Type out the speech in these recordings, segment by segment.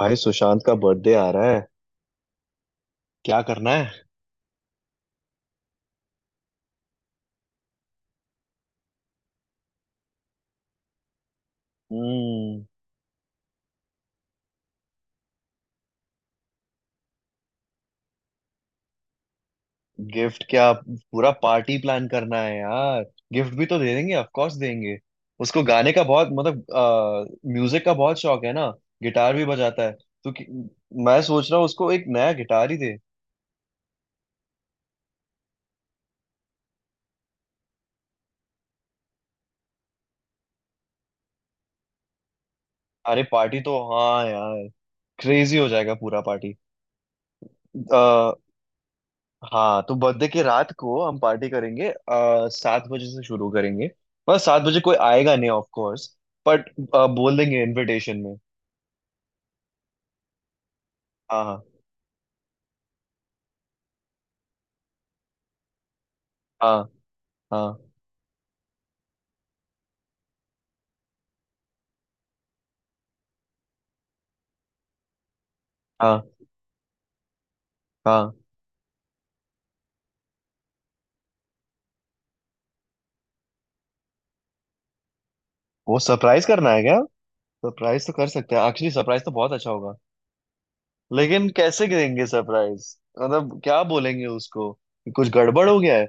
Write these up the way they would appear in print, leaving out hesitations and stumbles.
भाई सुशांत का बर्थडे आ रहा है। क्या करना है। हम्म। गिफ्ट क्या पूरा पार्टी प्लान करना है यार। गिफ्ट भी तो दे देंगे ऑफ कोर्स देंगे। उसको गाने का बहुत मतलब म्यूजिक का बहुत शौक है ना। गिटार भी बजाता है। तो कि, मैं सोच रहा हूँ उसको एक नया गिटार ही दे। अरे पार्टी तो हाँ यार। क्रेजी हो जाएगा पूरा पार्टी। हाँ तो बर्थडे की रात को हम पार्टी करेंगे, 7 बजे से शुरू करेंगे मतलब 7 बजे कोई आएगा नहीं ऑफ कोर्स। बट बोल देंगे इनविटेशन में। हाँ हाँ हाँ हाँ हाँ हाँ। वो सरप्राइज करना है क्या। सरप्राइज तो कर सकते हैं एक्चुअली, सरप्राइज तो बहुत अच्छा होगा। लेकिन कैसे करेंगे सरप्राइज। मतलब क्या बोलेंगे उसको कि कुछ गड़बड़ हो गया है।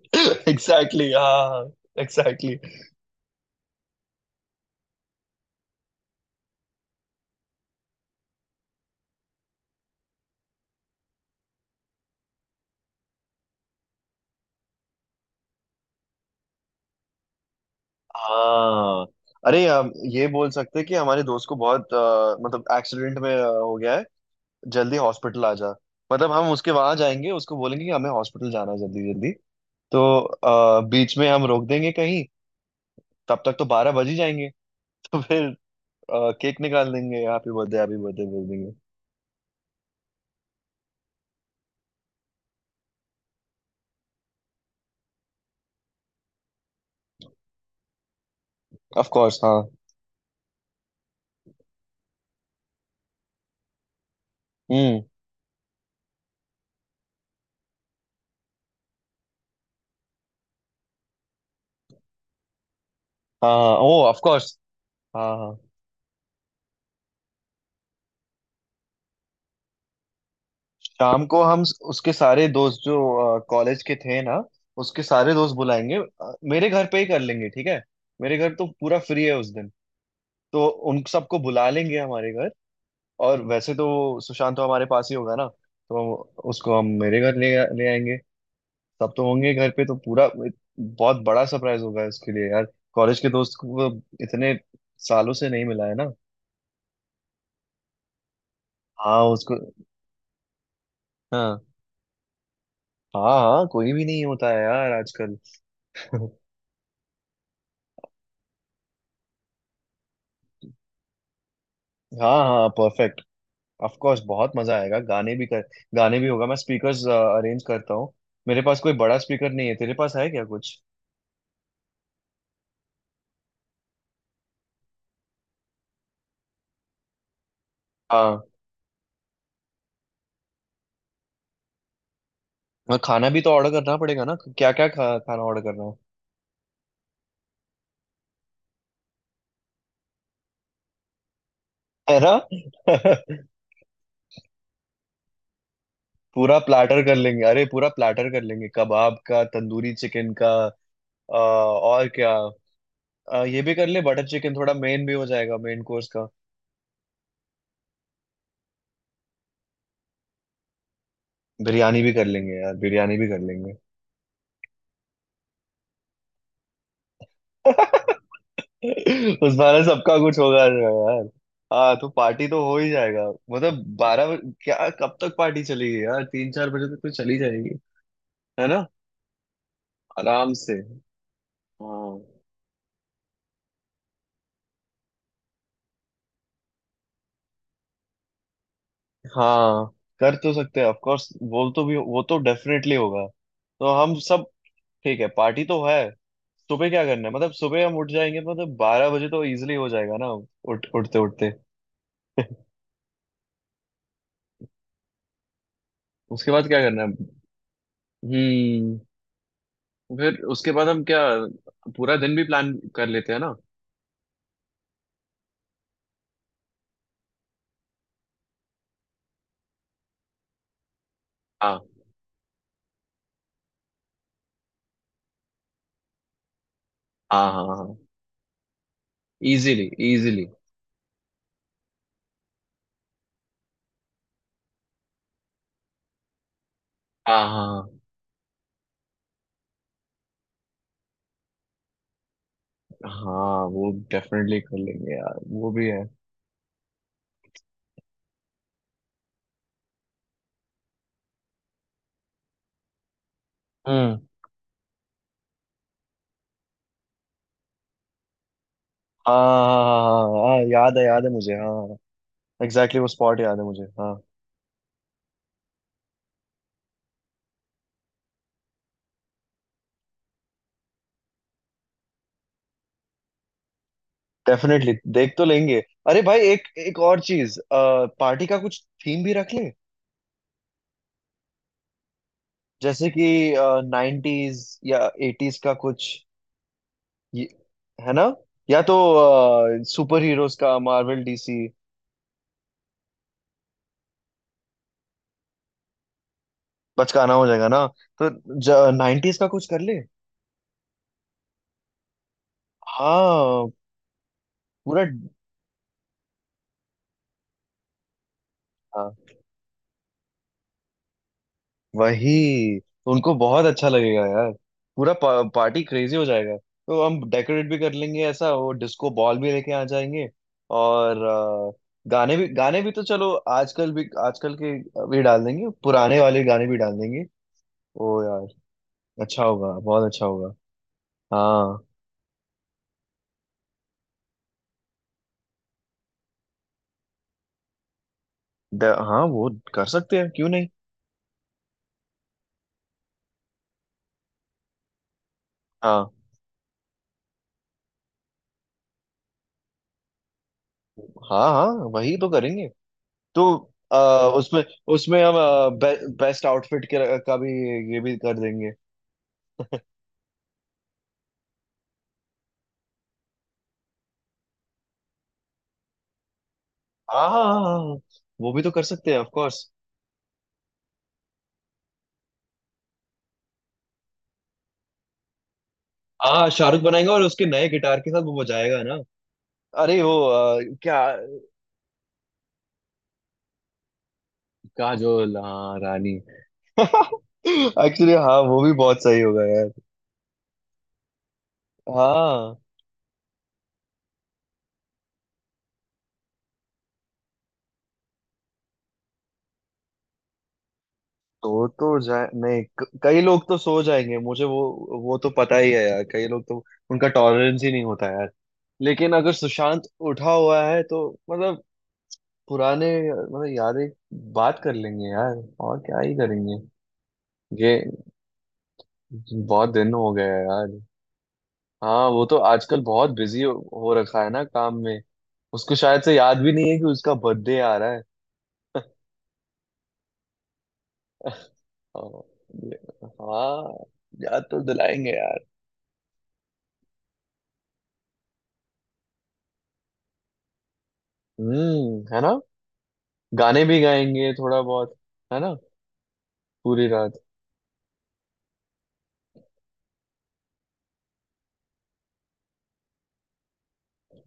एग्जैक्टली, हाँ। एग्जैक्टली. हाँ। अरे हम ये बोल सकते हैं कि हमारे दोस्त को मतलब एक्सीडेंट में हो गया है। जल्दी हॉस्पिटल आ जा। मतलब हम उसके वहां जाएंगे, उसको बोलेंगे कि हमें हॉस्पिटल जाना है जल्दी जल्दी। तो बीच में हम रोक देंगे कहीं। तब तक तो 12 बज ही जाएंगे। तो फिर केक निकाल देंगे, हैप्पी बर्थडे बोल देंगे। ऑफ कोर्स हाँ। हम्म। हाँ हाँ ओ ऑफ कोर्स। हाँ हाँ शाम को उसके सारे दोस्त जो कॉलेज के थे ना, उसके सारे दोस्त बुलाएंगे, मेरे घर पे ही कर लेंगे ठीक है। मेरे घर तो पूरा फ्री है उस दिन। तो उन सबको बुला लेंगे हमारे घर। और वैसे तो सुशांत तो हमारे पास ही होगा ना। तो उसको हम मेरे घर ले ले आएंगे। सब तो होंगे घर पे तो पूरा बहुत बड़ा सरप्राइज होगा उसके लिए यार। कॉलेज के दोस्त को वो इतने सालों से नहीं मिला है ना। हाँ उसको। हाँ हाँ हाँ कोई भी नहीं होता है यार आजकल। हाँ हाँ परफेक्ट। ऑफ कोर्स बहुत मजा आएगा गाने भी कर, गाने भी होगा। मैं स्पीकर्स अरेंज करता हूँ। मेरे पास कोई बड़ा स्पीकर नहीं है, तेरे पास है क्या कुछ। हाँ। और खाना भी तो ऑर्डर करना पड़ेगा ना, क्या क्या खाना ऑर्डर करना है। है ना। पूरा प्लाटर कर लेंगे, अरे पूरा प्लाटर कर लेंगे कबाब का तंदूरी चिकन का। और क्या। ये भी कर ले बटर चिकन, थोड़ा मेन भी हो जाएगा मेन कोर्स का। बिरयानी भी कर लेंगे यार, बिरयानी भी कर लेंगे। उस बार सबका कुछ होगा यार। हाँ तो पार्टी तो हो ही जाएगा मतलब 12। क्या कब तक पार्टी चलेगी यार, 3-4 बजे तक तो चली जाएगी। है ना। आराम से। हाँ हाँ कर तो सकते हैं ऑफ कोर्स, वो तो भी वो तो डेफिनेटली होगा। तो हम सब। ठीक है, पार्टी तो है। सुबह क्या करना है, मतलब सुबह हम उठ जाएंगे तो मतलब 12 बजे तो इजीली हो जाएगा ना। उठ उठते उठते। उसके बाद क्या करना है। हम्म। फिर उसके बाद हम क्या पूरा दिन भी प्लान कर लेते हैं ना। हाँ हाँ हाँ हाँ। Easily easily. हाँ हाँ हाँ हाँ, वो डेफिनेटली कर लेंगे यार वो भी है। हम्म। हाँ हाँ हाँ हाँ हाँ, हाँ, हाँ, हाँ, याद है मुझे हाँ हाँ। एग्जैक्टली वो स्पॉट याद है मुझे हाँ। डेफिनेटली। देख तो लेंगे। अरे भाई एक एक और चीज, पार्टी का कुछ थीम भी रख ले। जैसे कि 90s या 80s का कुछ ये- है ना। या तो सुपर हीरोज का, मार्वल डीसी। बचकाना हो जाएगा ना। तो 90s का कुछ कर ले। हाँ पूरा। हाँ। वही तो उनको बहुत अच्छा लगेगा यार। पूरा पार्टी क्रेजी हो जाएगा। तो हम डेकोरेट भी कर लेंगे, ऐसा वो डिस्को बॉल भी लेके आ जाएंगे। और गाने भी तो चलो आजकल भी, आजकल के भी डाल देंगे, पुराने वाले गाने भी डाल देंगे। ओ यार, अच्छा होगा बहुत अच्छा होगा। हाँ। हाँ वो कर सकते हैं क्यों नहीं। हाँ हाँ हाँ वही तो करेंगे। तो अ, उसमें, उसमें हम बेस्ट आउटफिट के का भी ये भी कर देंगे। आ वो भी तो कर सकते हैं ऑफ कोर्स। आ, शाहरुख बनाएगा और उसके नए गिटार के साथ वो बजाएगा ना। अरे वो क्या। काजोल हाँ रानी एक्चुअली हाँ वो भी बहुत सही होगा यार। हाँ। तो जाए नहीं कई लोग तो सो जाएंगे मुझे वो तो पता ही है यार, कई लोग तो उनका टॉलरेंस ही नहीं होता यार। लेकिन अगर सुशांत उठा हुआ है तो मतलब पुराने मतलब यादें बात कर लेंगे यार। और क्या ही करेंगे ये। जी, बहुत दिन हो गया यार। हाँ वो तो आजकल बहुत बिजी हो रखा है ना काम में। उसको शायद से याद भी नहीं है कि उसका बर्थडे आ रहा है। हाँ हाँ, याद तो दिलाएंगे यार। है ना। गाने भी गाएंगे थोड़ा बहुत। है ना। पूरी रात।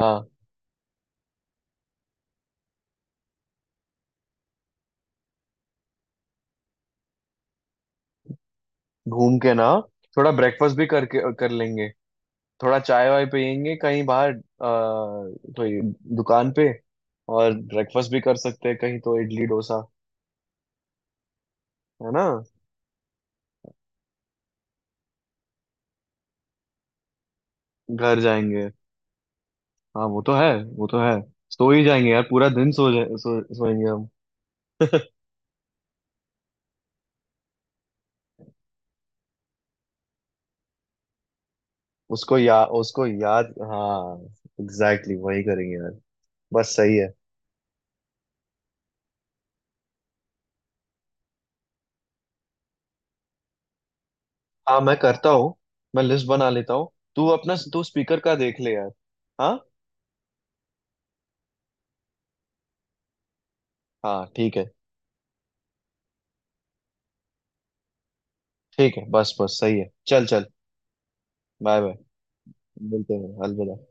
हाँ। घूम के ना, थोड़ा ब्रेकफास्ट भी करके कर लेंगे। थोड़ा चाय वाय पियेंगे कहीं बाहर, कोई दुकान पे। और ब्रेकफास्ट भी कर सकते हैं कहीं तो, इडली डोसा। है ना। घर जाएंगे। हाँ वो तो है वो तो है। सो ही जाएंगे यार, पूरा दिन सो जाए सोएंगे हम। उसको या उसको याद। हाँ एग्जैक्टली, वही करेंगे यार। बस सही है। हाँ मैं करता हूँ, मैं लिस्ट बना लेता हूँ। तू अपना तू स्पीकर का देख ले यार। हाँ हाँ ठीक है। ठीक है बस बस सही है चल चल। Bye bye. मिलते हैं अलविदा।